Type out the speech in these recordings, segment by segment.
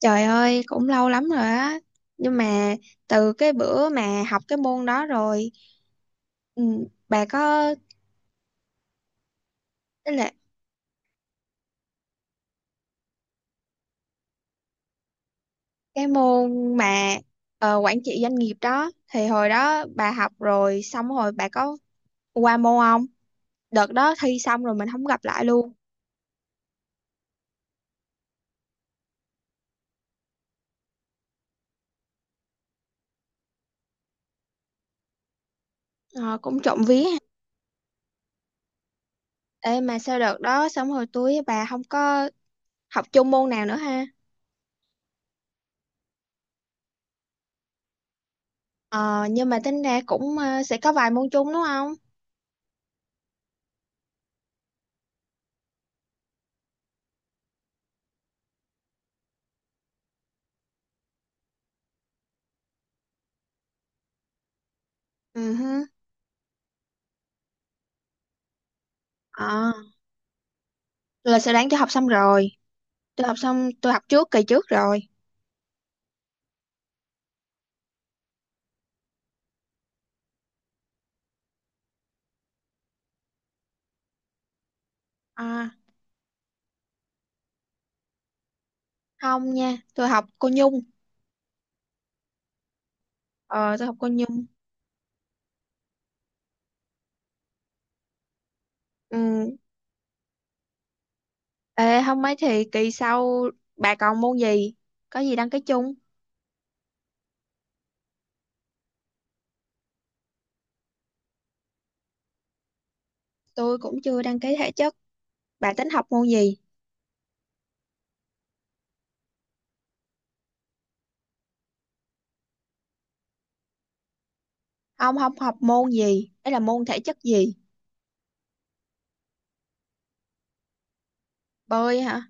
Trời ơi, cũng lâu lắm rồi á. Nhưng mà từ cái bữa mà học cái môn đó rồi, ừ, bà có tức là cái môn mà quản trị doanh nghiệp đó thì hồi đó bà học rồi xong rồi bà có qua môn không? Đợt đó thi xong rồi mình không gặp lại luôn. Ờ, cũng trộm vía ha. Ê, mà sau đợt đó xong rồi tôi với bà không có học chung môn nào nữa ha. Ờ, nhưng mà tính ra cũng sẽ có vài môn chung đúng không? Ừ hứ. Ờ, là sẽ đáng cho học xong rồi. Tôi học xong, tôi học trước kỳ trước rồi. À. Không nha, tôi học cô Nhung. Ờ, tôi học cô Nhung. Ừ. Ê, không mấy thì kỳ sau bà còn môn gì? Có gì đăng ký chung? Tôi cũng chưa đăng ký thể chất. Bà tính học môn gì? Không, không học môn gì. Ấy là môn thể chất gì? Bơi hả?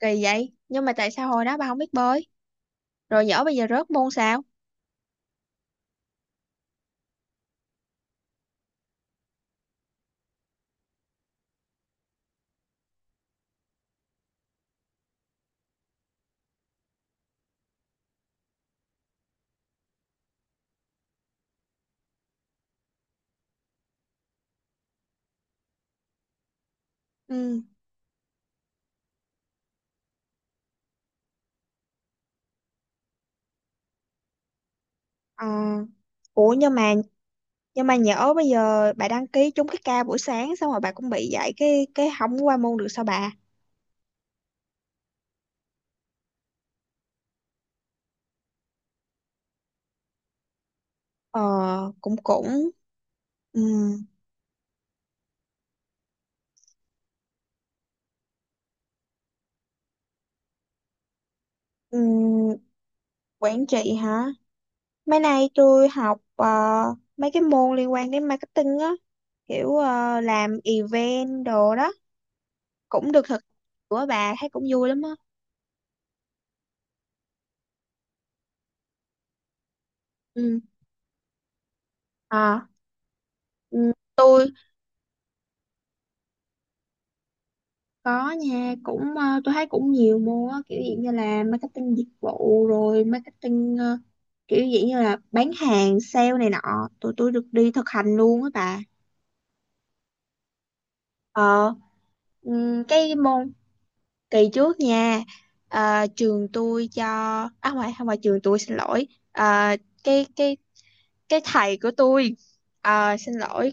Kỳ vậy. Nhưng mà tại sao hồi đó bà không biết bơi? Rồi nhỡ bây giờ rớt môn sao? Ừ. Ờ. Ủa, nhưng mà nhỡ bây giờ bà đăng ký trúng cái ca buổi sáng xong rồi bà cũng bị dạy cái không qua môn được sao bà? Ờ, cũng cũng. Ừm, ừm, quản trị hả? Mấy nay tôi học mấy cái môn liên quan đến marketing á, kiểu làm event đồ đó, cũng được thực của bà thấy cũng vui lắm á. Ừ. Ờ, tôi có nha, cũng tôi thấy cũng nhiều môn á, kiểu dạng như là marketing dịch vụ rồi marketing kiểu dạng như là bán hàng, sale này nọ, tụi tôi được đi thực hành luôn á bà. Ờ. Cái môn kỳ trước nha, trường tôi cho, à không phải, không phải trường tôi, xin lỗi. Ờ, cái cái cái thầy của tôi, xin lỗi,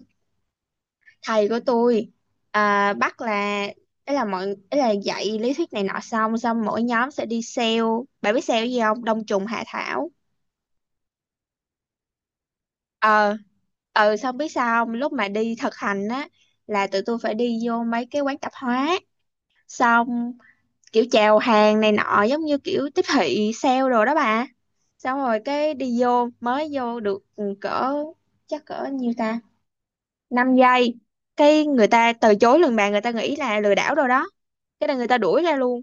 thầy của tôi bắt là ấy là dạy lý thuyết này nọ, xong xong mỗi nhóm sẽ đi sale. Bạn biết sale gì không? Đông trùng hạ thảo. ờ Xong biết sao không? Lúc mà đi thực hành á, là tụi tôi phải đi vô mấy cái quán tạp hóa, xong kiểu chào hàng này nọ, giống như kiểu tiếp thị sale đồ đó bà. Xong rồi cái đi vô, mới vô được cỡ, chắc cỡ nhiêu ta, 5 giây, cái người ta từ chối lần bạn, người ta nghĩ là lừa đảo rồi đó. Cái là người ta đuổi ra luôn,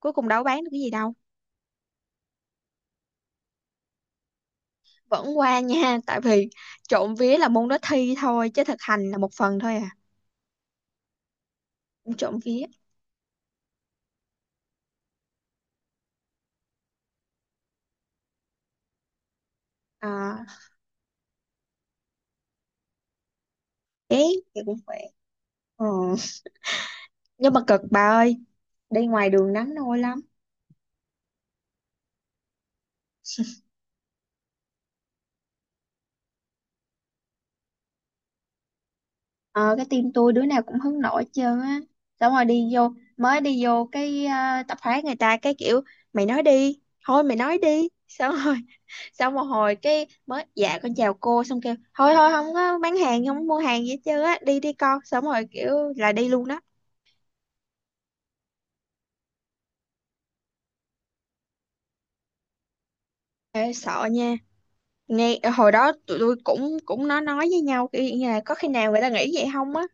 cuối cùng đâu có bán được cái gì đâu. Vẫn qua nha tại vì trộm vía là môn đó thi thôi chứ thực hành là một phần thôi à. Trộm vía. À. Bé thì cũng khỏe. Ừ. Nhưng mà cực bà ơi, đi ngoài đường nắng nôi lắm. Ờ, cái team tôi đứa nào cũng hứng nổi hết trơn á, xong rồi đi vô, mới đi vô cái tập hóa, người ta cái kiểu mày nói đi, thôi mày nói đi, xong rồi xong một hồi cái mới dạ con chào cô, xong kêu thôi thôi, không có bán hàng không có mua hàng gì hết trơn á, đi đi con, xong rồi kiểu là đi luôn đó. Ê, sợ nha, nghe hồi đó tụi tôi cũng cũng nói với nhau kiểu như là có khi nào người ta nghĩ vậy không á.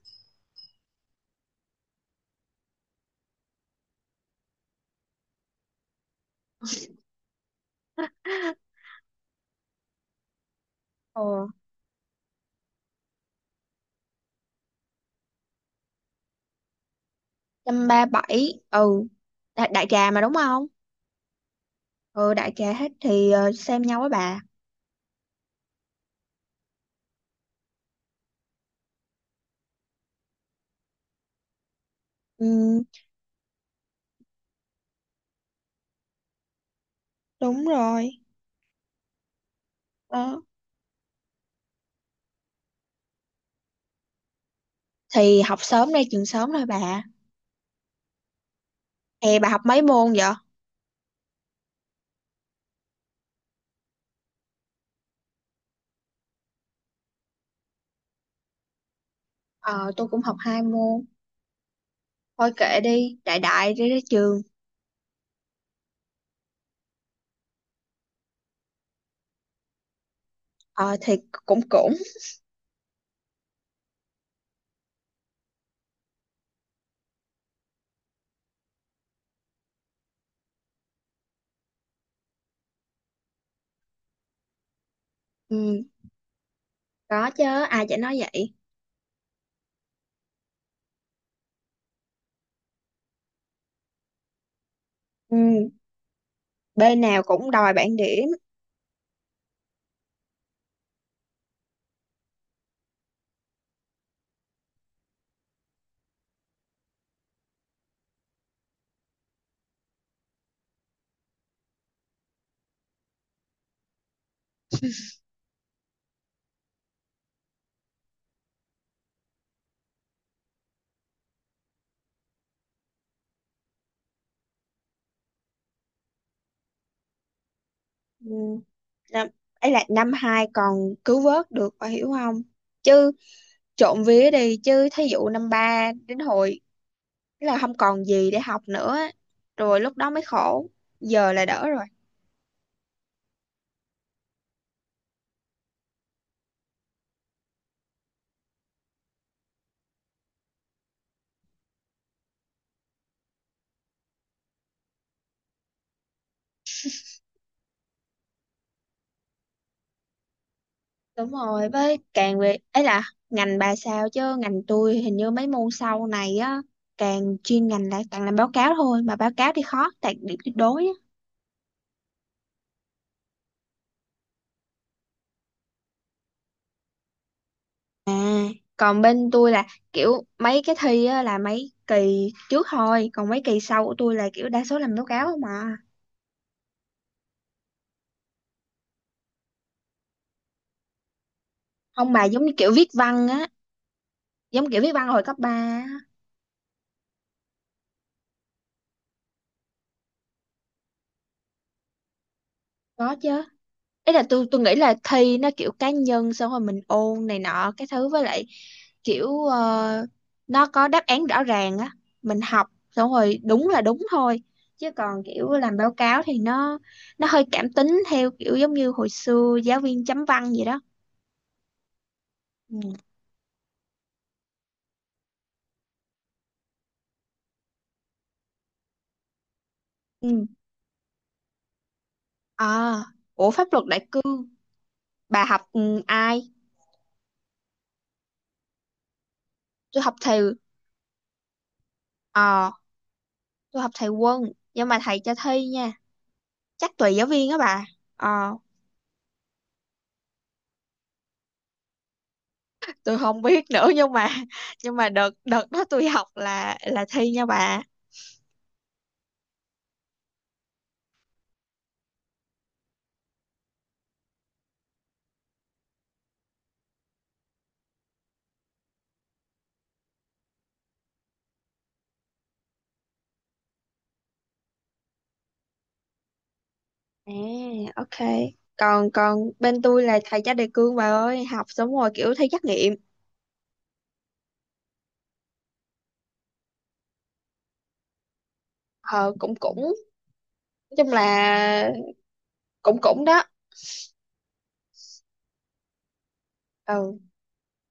ờ Trăm ba bảy. Ừ. Đại trà mà đúng không? Ừ, đại trà hết thì xem nhau với bà. Ừ, đúng rồi. Đó. Thì học sớm đây trường sớm thôi bà. Thì bà học mấy môn vậy? Ờ, tôi cũng học hai môn. Thôi kệ đi, đại đại đi đến trường. Ờ, thì cũng cũng. Ừ, có chứ, ai chả nói vậy. Ừ, bên nào cũng đòi bảng điểm. Ừ, năm, ấy là năm hai còn cứu vớt được, bà hiểu không? Chứ trộm vía đi, chứ thí dụ năm ba đến hồi, tức là không còn gì để học nữa. Rồi lúc đó mới khổ. Giờ là đỡ rồi. Đúng rồi, với càng về ấy là ngành bà sao chứ ngành tôi hình như mấy môn sau này á, càng chuyên ngành là càng làm báo cáo thôi, mà báo cáo thì khó đạt điểm tuyệt đối á. À, còn bên tôi là kiểu mấy cái thi á là mấy kỳ trước thôi, còn mấy kỳ sau của tôi là kiểu đa số làm báo cáo không mà. Không bà, giống như kiểu viết văn á, giống kiểu viết văn hồi cấp 3 á. Có chứ. Ấy là tôi nghĩ là thi nó kiểu cá nhân, xong rồi mình ôn này nọ, cái thứ với lại kiểu nó có đáp án rõ ràng á, mình học xong rồi đúng là đúng thôi, chứ còn kiểu làm báo cáo thì nó hơi cảm tính theo kiểu giống như hồi xưa giáo viên chấm văn vậy đó. Ừ. Ừ. À, ủa pháp luật đại cương, bà học ai? Tôi học thầy. ờ tôi học thầy Quân, nhưng mà thầy cho thi nha. Chắc tùy giáo viên á bà. ờ tôi không biết nữa, nhưng mà đợt đợt đó tôi học là thi nha bà. À, ok. Còn còn bên tôi là thầy cho đề cương bà ơi, học xong rồi kiểu thi trắc nghiệm. Ờ, cũng cũng nói chung là cũng cũng đó. Ừ,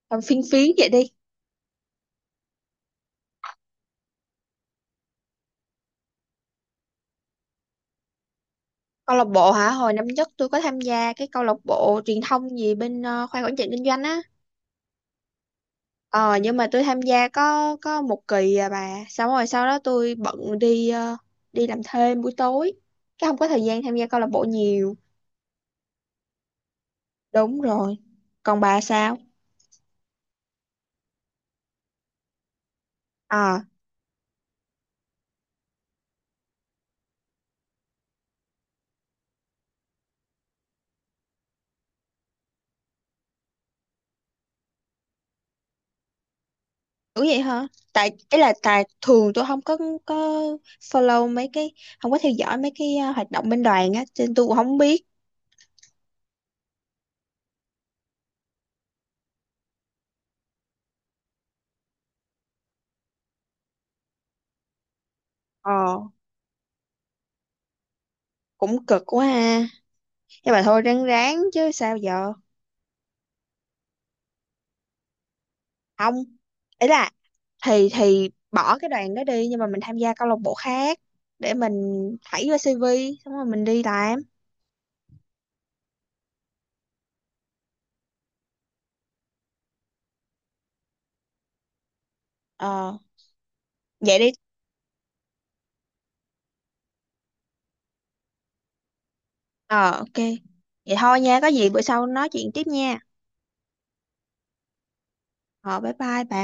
làm phiên phiến vậy đi. Câu lạc bộ hả? Hồi năm nhất tôi có tham gia cái câu lạc bộ truyền thông gì bên khoa quản trị kinh doanh á. Ờ nhưng mà tôi tham gia có một kỳ à bà. Xong rồi sau đó tôi bận đi đi làm thêm buổi tối. Cái không có thời gian tham gia câu lạc bộ nhiều. Đúng rồi. Còn bà sao? À, đúng vậy hả? Tại ý là tại thường tôi không có có follow mấy cái. Không có theo dõi mấy cái hoạt động bên đoàn á. Cho nên tôi cũng không biết. Ờ, cũng cực quá ha. Nhưng mà thôi ráng ráng chứ sao giờ. Không, ý là thì bỏ cái đoàn đó đi nhưng mà mình tham gia câu lạc bộ khác, để mình thảy vô CV, xong rồi mình đi làm. Ờ, vậy đi. Ờ, ok. Vậy thôi nha, có gì bữa sau nói chuyện tiếp nha. Ờ, bye bye bà.